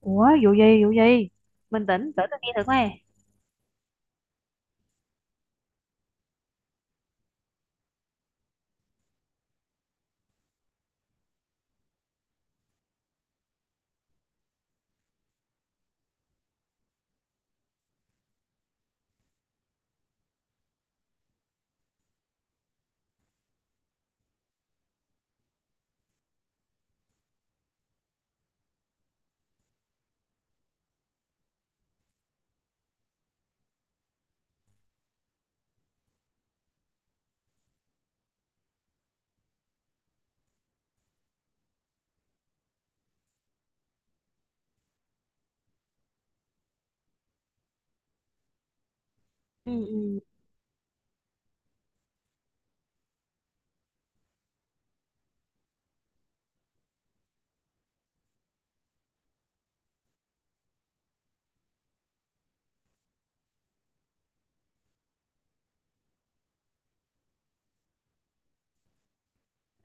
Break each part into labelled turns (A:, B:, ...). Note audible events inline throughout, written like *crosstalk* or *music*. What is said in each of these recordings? A: Ủa, vụ gì vụ gì? Bình tĩnh để tôi nghe thử coi. Ừ, ừ.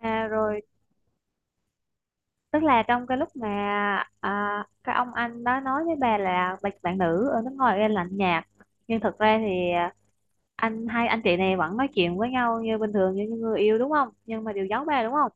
A: À rồi, tức là trong cái lúc mà cái ông anh đó nói với bà là bạn nữ ở nước ngoài ra lạnh nhạt, nhưng thực ra thì anh hai anh chị này vẫn nói chuyện với nhau như bình thường như những người yêu đúng không, nhưng mà đều giấu bà đúng không?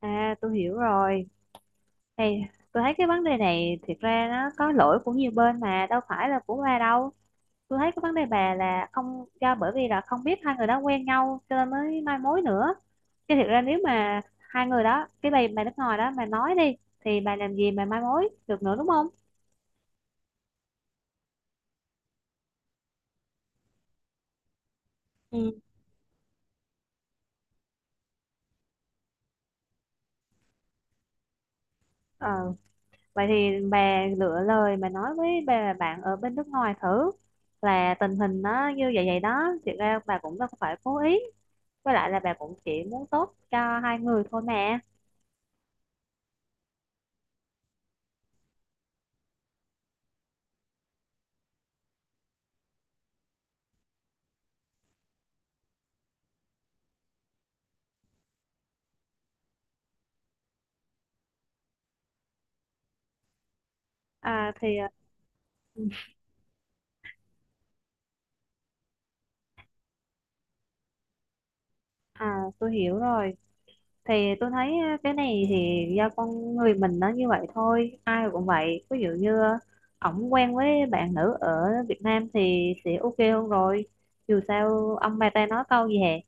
A: À, tôi hiểu rồi. Hey, tôi thấy cái vấn đề này thiệt ra nó có lỗi của nhiều bên mà đâu phải là của bà đâu. Tôi thấy cái vấn đề bà là không, do bởi vì là không biết hai người đó quen nhau cho nên mới mai mối nữa, chứ thiệt ra nếu mà hai người đó, cái bà nước ngoài đó mà nói đi thì bà làm gì mà mai mối được nữa đúng không? Ừ. Ờ, vậy thì bà lựa lời mà nói với bà bạn ở bên nước ngoài thử, là tình hình nó như vậy vậy đó, thiệt ra bà cũng đâu có phải cố ý, với lại là bà cũng chỉ muốn tốt cho hai người thôi mà. À thì à, tôi hiểu rồi. Thì tôi thấy á, cái này thì do con người mình nó như vậy thôi, ai cũng vậy, ví dụ như ổng quen với bạn nữ ở Việt Nam thì sẽ ok hơn rồi. Dù sao ông bà ta nói câu gì hè,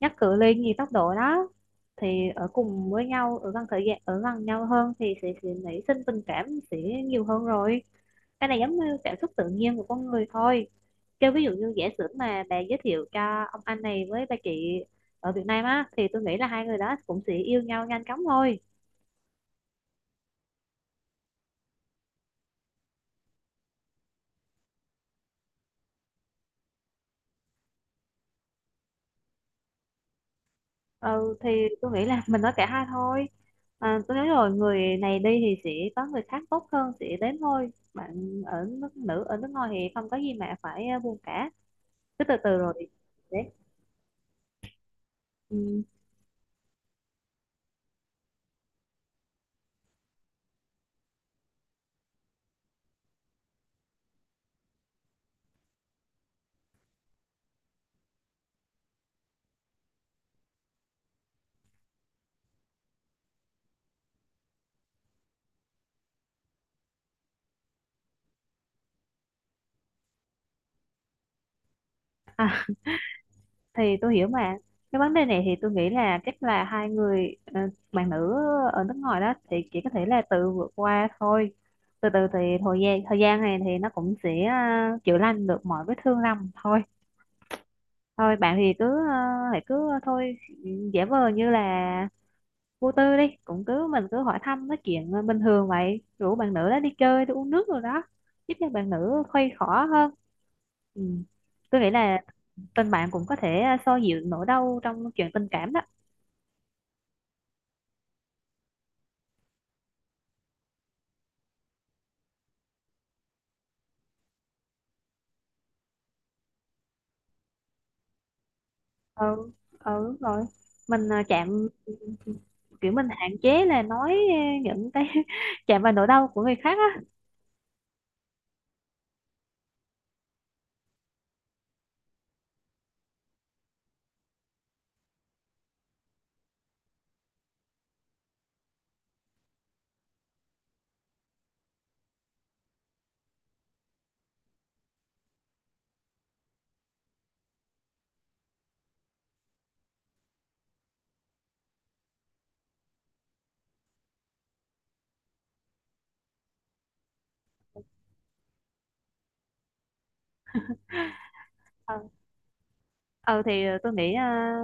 A: nhắc cự ly gì tốc độ đó, thì ở cùng với nhau, ở gần, thời gian ở gần nhau hơn thì sẽ nảy sinh tình cảm, sẽ nhiều hơn rồi. Cái này giống như cảm xúc tự nhiên của con người thôi. Kêu ví dụ như giả sử mà bà giới thiệu cho ông anh này với bà chị ở Việt Nam á thì tôi nghĩ là hai người đó cũng sẽ yêu nhau nhanh chóng thôi. Ừ, thì tôi nghĩ là mình nói cả hai thôi. À, tôi nói rồi, người này đi thì sẽ có người khác tốt hơn sẽ đến thôi, bạn ở nước, nữ ở nước ngoài thì không có gì mà phải buồn cả, cứ từ từ rồi. Đấy. Ừ. Thì tôi hiểu mà, cái vấn đề này thì tôi nghĩ là chắc là hai người bạn nữ ở nước ngoài đó thì chỉ có thể là tự vượt qua thôi. Từ từ thì thời gian này thì nó cũng sẽ chữa lành được mọi vết thương lầm thôi. Thôi bạn thì cứ hãy cứ thôi, giả vờ như là vô tư đi, cũng cứ mình cứ hỏi thăm nói chuyện bình thường vậy, rủ bạn nữ đó đi chơi đi uống nước rồi đó, giúp cho bạn nữ khuây khỏa hơn. Ừ. Tôi nghĩ là tình bạn cũng có thể xoa dịu nỗi đau trong chuyện tình cảm đó. Ừ, ừ rồi mình chạm, kiểu mình hạn chế là nói những cái *laughs* chạm vào nỗi đau của người khác á. Ừ. Ừ thì tôi nghĩ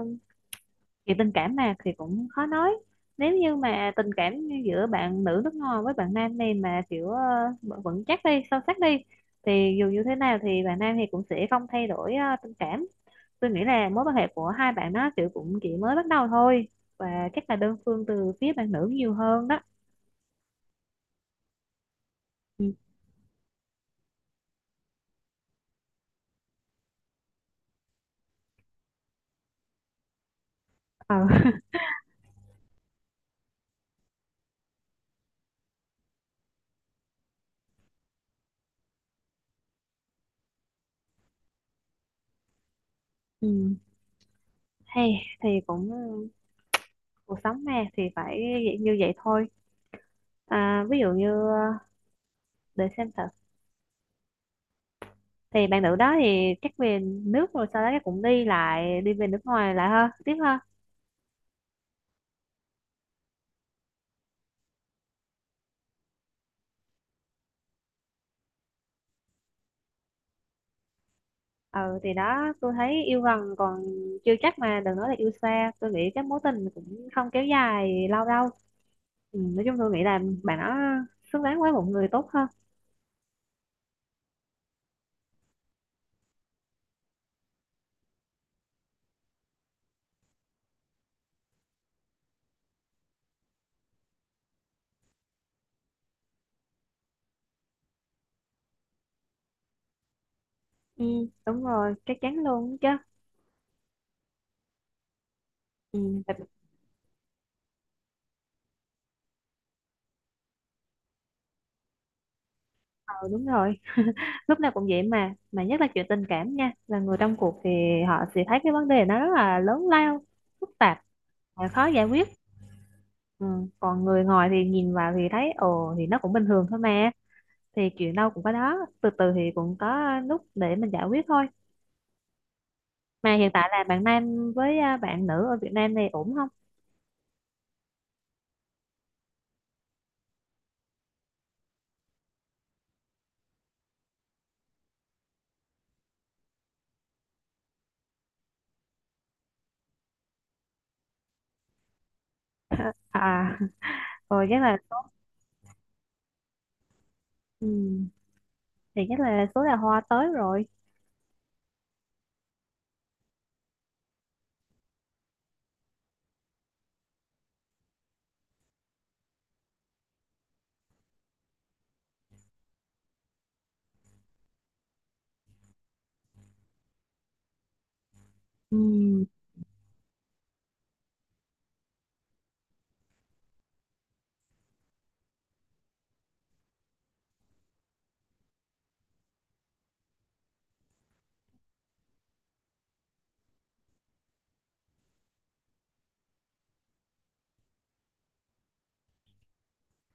A: chuyện tình cảm mà thì cũng khó nói. Nếu như mà tình cảm giữa bạn nữ nước ngoài với bạn nam này mà kiểu vẫn vững chắc đi, sâu sắc đi, thì dù như thế nào thì bạn nam thì cũng sẽ không thay đổi tình cảm. Tôi nghĩ là mối quan hệ của hai bạn nó kiểu cũng chỉ mới bắt đầu thôi, và chắc là đơn phương từ phía bạn nữ nhiều hơn đó. Ừ. Ờ. *laughs* Ừ. Hay thì cũng cuộc sống mà thì phải như vậy thôi. Ví dụ như để xem thử thì bạn nữ đó thì chắc về nước, rồi sau đó chắc cũng đi lại, đi về nước ngoài lại ha, tiếp ha. Ừ thì đó, tôi thấy yêu gần còn chưa chắc mà đừng nói là yêu xa, tôi nghĩ cái mối tình cũng không kéo dài lâu đâu. Ừ, nói chung tôi nghĩ là bạn nó xứng đáng với một người tốt hơn. Ừ, đúng rồi, chắc chắn luôn đó chứ. Ừ, tại ờ, đúng rồi. Lúc nào cũng vậy mà nhất là chuyện tình cảm nha, là người trong cuộc thì họ sẽ thấy cái vấn đề nó rất là lớn lao, phức tạp, và khó giải quyết. Ừ, còn người ngoài thì nhìn vào thì thấy ồ thì nó cũng bình thường thôi mà, thì chuyện đâu cũng có đó, từ từ thì cũng có lúc để mình giải quyết thôi. Mà hiện tại là bạn nam với bạn nữ ở Việt Nam này ổn không? À, *laughs* rồi chắc là ừ, thì chắc là số đào hoa tới rồi. Ừ,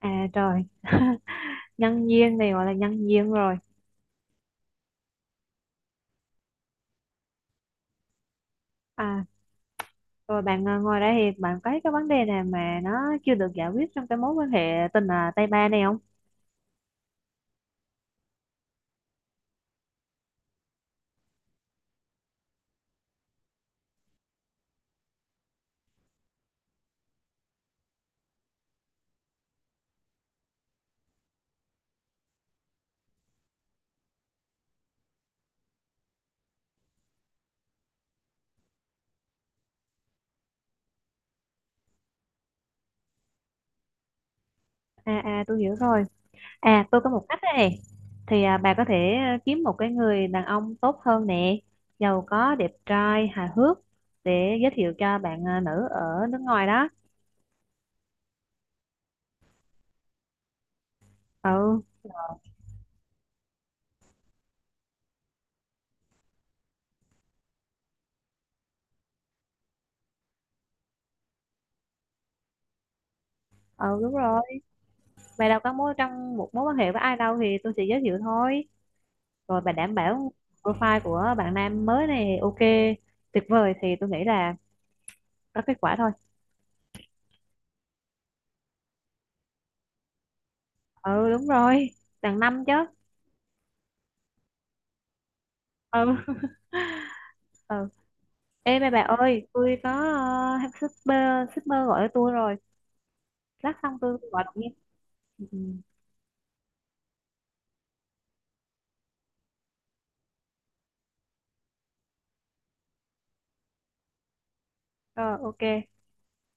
A: à trời. *laughs* Nhân duyên thì gọi là nhân duyên rồi. À rồi bạn ngồi đây thì bạn có thấy cái vấn đề nào mà nó chưa được giải quyết trong cái mối quan hệ tình tay ba này không? À, tôi hiểu rồi. À tôi có một cách đây này, thì bà có thể kiếm một cái người đàn ông tốt hơn nè, giàu có, đẹp trai, hài hước, để giới thiệu cho bạn nữ ở nước ngoài đó. Ừ. Ừ đúng rồi, bà đâu có mối trong một mối quan hệ với ai đâu thì tôi sẽ giới thiệu thôi. Rồi bà đảm bảo profile của bạn nam mới này ok, tuyệt vời, thì tôi nghĩ là có kết quả thôi. Ừ đúng rồi, đằng năm chứ. Ừ. *laughs* Ừ. Ê bà ơi tôi có shipper shipper gọi cho tôi rồi, lát xong tôi gọi lại nha. Ừ. Ừ. Rồi, ok.